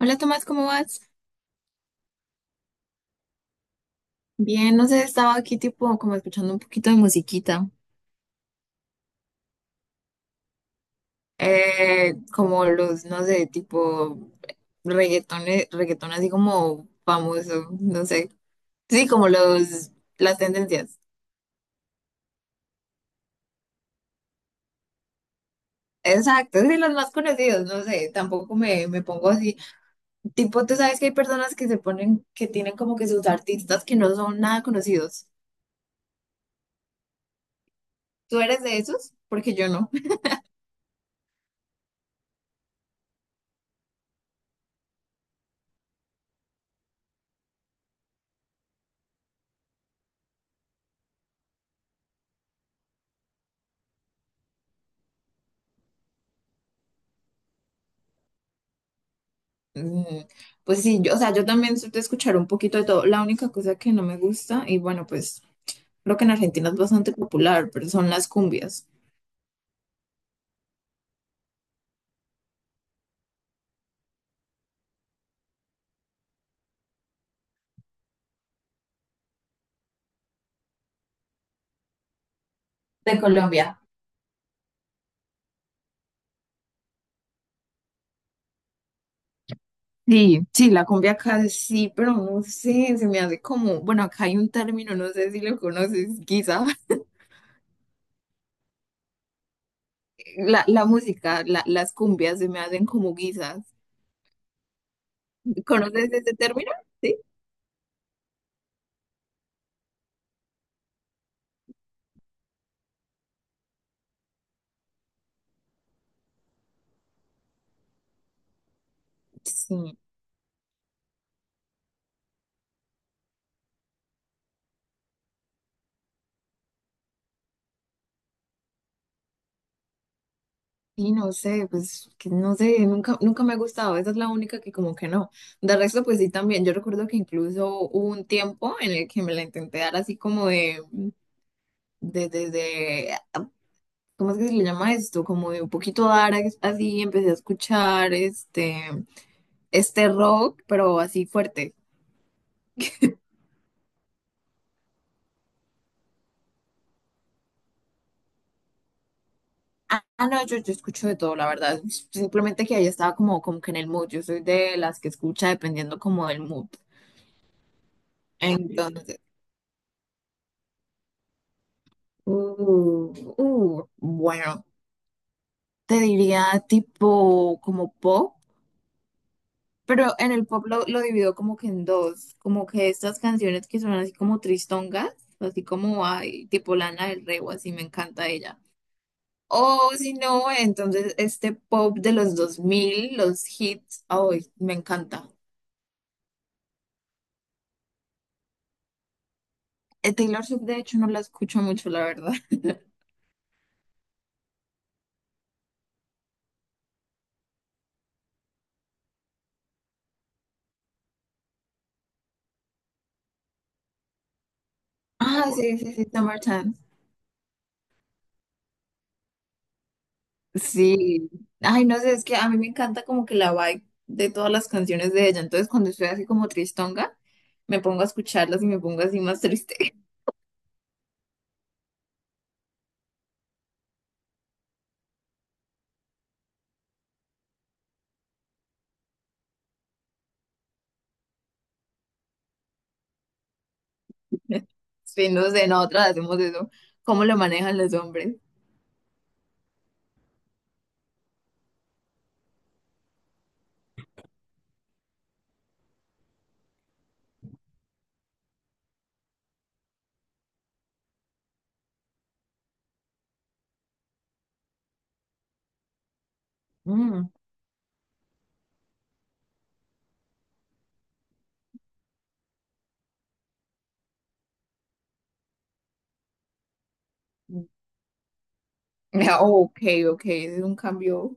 Hola Tomás, ¿cómo vas? Bien, no sé, estaba aquí tipo como escuchando un poquito de musiquita, como los, no sé, tipo reggaetón así como famoso, no sé, sí, como los, las tendencias. Exacto, sí, los más conocidos, no sé, tampoco me pongo así. Tipo, tú sabes que hay personas que se ponen, que tienen como que sus artistas que no son nada conocidos. ¿Tú eres de esos? Porque yo no. Mm, pues sí, yo, o sea, yo también soy de escuchar un poquito de todo. La única cosa que no me gusta, y bueno, pues creo que en Argentina es bastante popular, pero son las cumbias. De Colombia. Sí, sí, la cumbia acá sí, pero no sé, se me hace como, bueno, acá hay un término, no sé si lo conoces, guisa. La música, las cumbias se me hacen como guisas. ¿Conoces ese término? Sí. Sí. Y no sé, pues que no sé, nunca me ha gustado, esa es la única que como que no. De resto, pues sí también, yo recuerdo que incluso hubo un tiempo en el que me la intenté dar así como de, de, de, de, ah, ¿cómo es que se le llama esto? Como de un poquito dar así, empecé a escuchar este rock, pero así fuerte. No, yo escucho de todo, la verdad. Simplemente que ahí estaba como, como que en el mood. Yo soy de las que escucha dependiendo como del mood. Ok. Entonces, Uh, bueno, te diría tipo como pop, pero en el pop lo divido como que en dos, como que estas canciones que son así como tristongas, así como ay, tipo Lana del Rey o así, me encanta ella. O si no, entonces este pop de los 2000, los hits, ay, me encanta. Taylor Swift de hecho no la escucho mucho, la verdad. Ah, sí, sí, sí, Summertime. Sí, ay, no sé, es que a mí me encanta como que la vibe de todas las canciones de ella, entonces cuando estoy así como tristonga, me pongo a escucharlas y me pongo así más triste. Sí, no sé, nosotras hacemos eso, ¿cómo lo manejan los hombres? Mm. Ah, oh, ok, ok, ese es un cambio.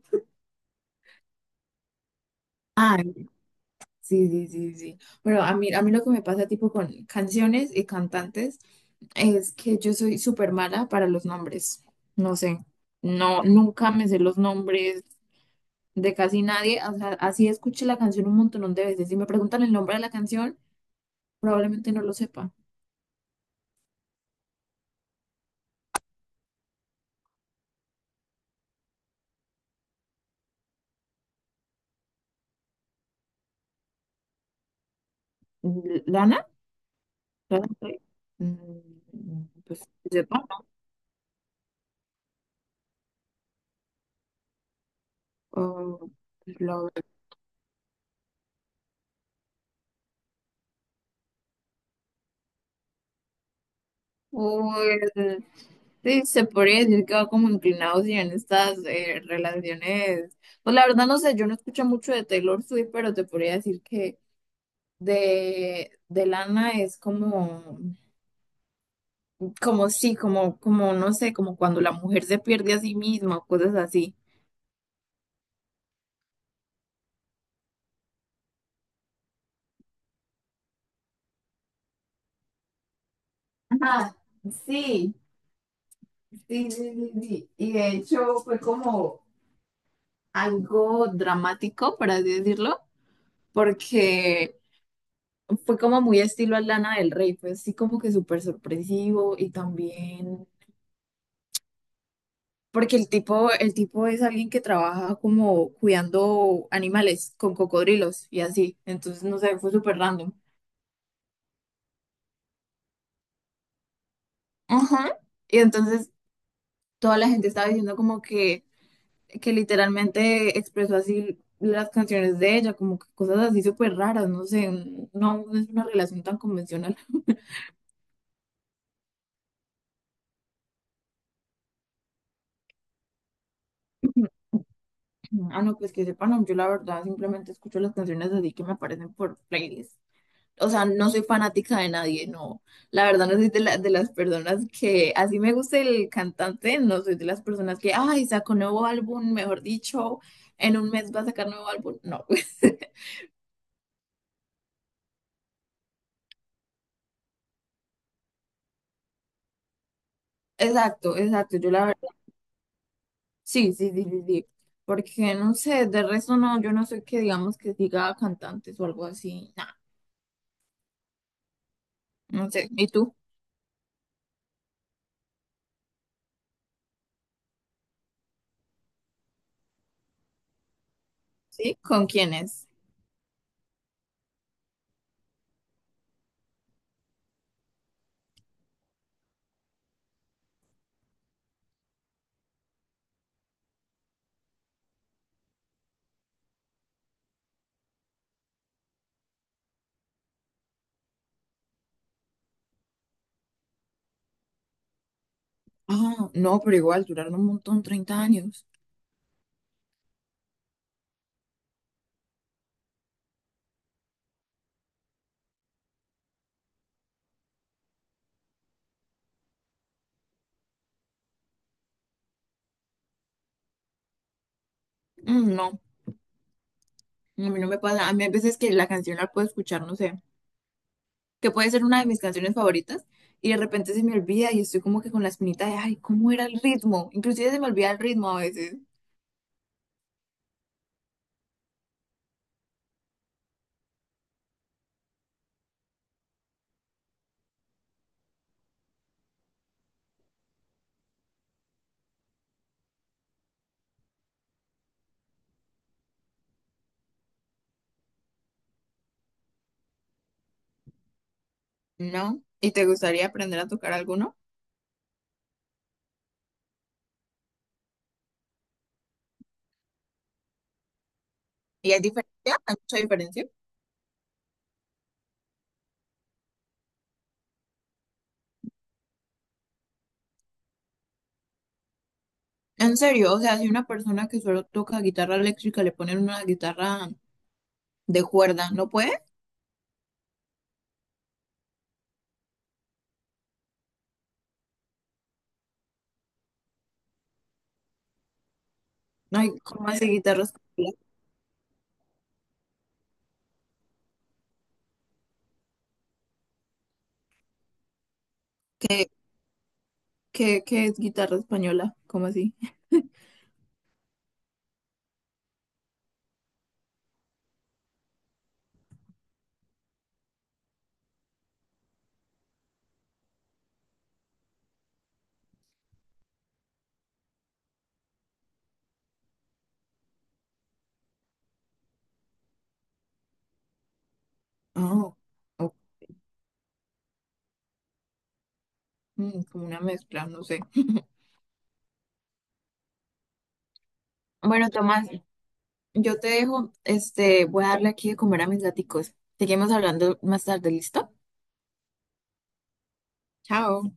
Ah, sí, sí, sí, sí. Pero a mí lo que me pasa tipo con canciones y cantantes es que yo soy súper mala para los nombres. No sé, no, nunca me sé los nombres, de casi nadie. O sea, así escuché la canción un montón de veces. Si me preguntan el nombre de la canción, probablemente no lo sepa. ¿Lana? ¿Lana del Rey? Mm, pues que sepa. O, pues, lo- o el- Sí, se podría decir que va como inclinado sí, en estas relaciones. Pues la verdad no sé, yo no escucho mucho de Taylor Swift, pero te podría decir que de Lana es como, como sí, como, como no sé, como cuando la mujer se pierde a sí misma o cosas así. Ah, sí, sí, sí, sí, sí. Y de hecho fue como algo dramático, por así decirlo, porque fue como muy estilo Lana del Rey, fue así como que súper sorpresivo y también porque el tipo es alguien que trabaja como cuidando animales con cocodrilos y así, entonces no sé, fue súper random. Ajá. Y entonces toda la gente estaba diciendo como que literalmente expresó así las canciones de ella, como que cosas así súper raras, no sé, no es una relación tan convencional. Ah, no, pues que sepan, no, yo la verdad simplemente escucho las canciones así que me aparecen por playlist. O sea, no soy fanática de nadie, no. La verdad no soy de, de las personas que, así me gusta el cantante, no soy de las personas que, ay, sacó nuevo álbum, mejor dicho, en un mes va a sacar nuevo álbum. No. Exacto, exacto. Yo la sí, sí, sí, sí, sí. Porque no sé, de resto no, yo no soy que digamos que diga cantantes o algo así. Nah, no sé. ¿Y tú? ¿Sí? ¿Con quiénes? Ah, no, pero igual duraron un montón, 30 años. Mm, no, a mí no me pasa. A mí hay veces que la canción la puedo escuchar, no sé, que puede ser una de mis canciones favoritas y de repente se me olvida y estoy como que con la espinita de, ay, ¿cómo era el ritmo? Inclusive se me olvida el ritmo a veces, ¿no? ¿Y te gustaría aprender a tocar alguno? ¿Y hay diferencia? ¿Hay mucha diferencia? En serio, o sea, si una persona que solo toca guitarra eléctrica le ponen una guitarra de cuerda, ¿no puede? Ay, ¿cómo así guitarra española? ¿Qué, qué es guitarra española? ¿Cómo así? Oh, oh, mm, como una mezcla, no sé. Bueno, Tomás, yo te dejo, este, voy a darle aquí de comer a mis gaticos. Seguimos hablando más tarde, ¿listo? Chao.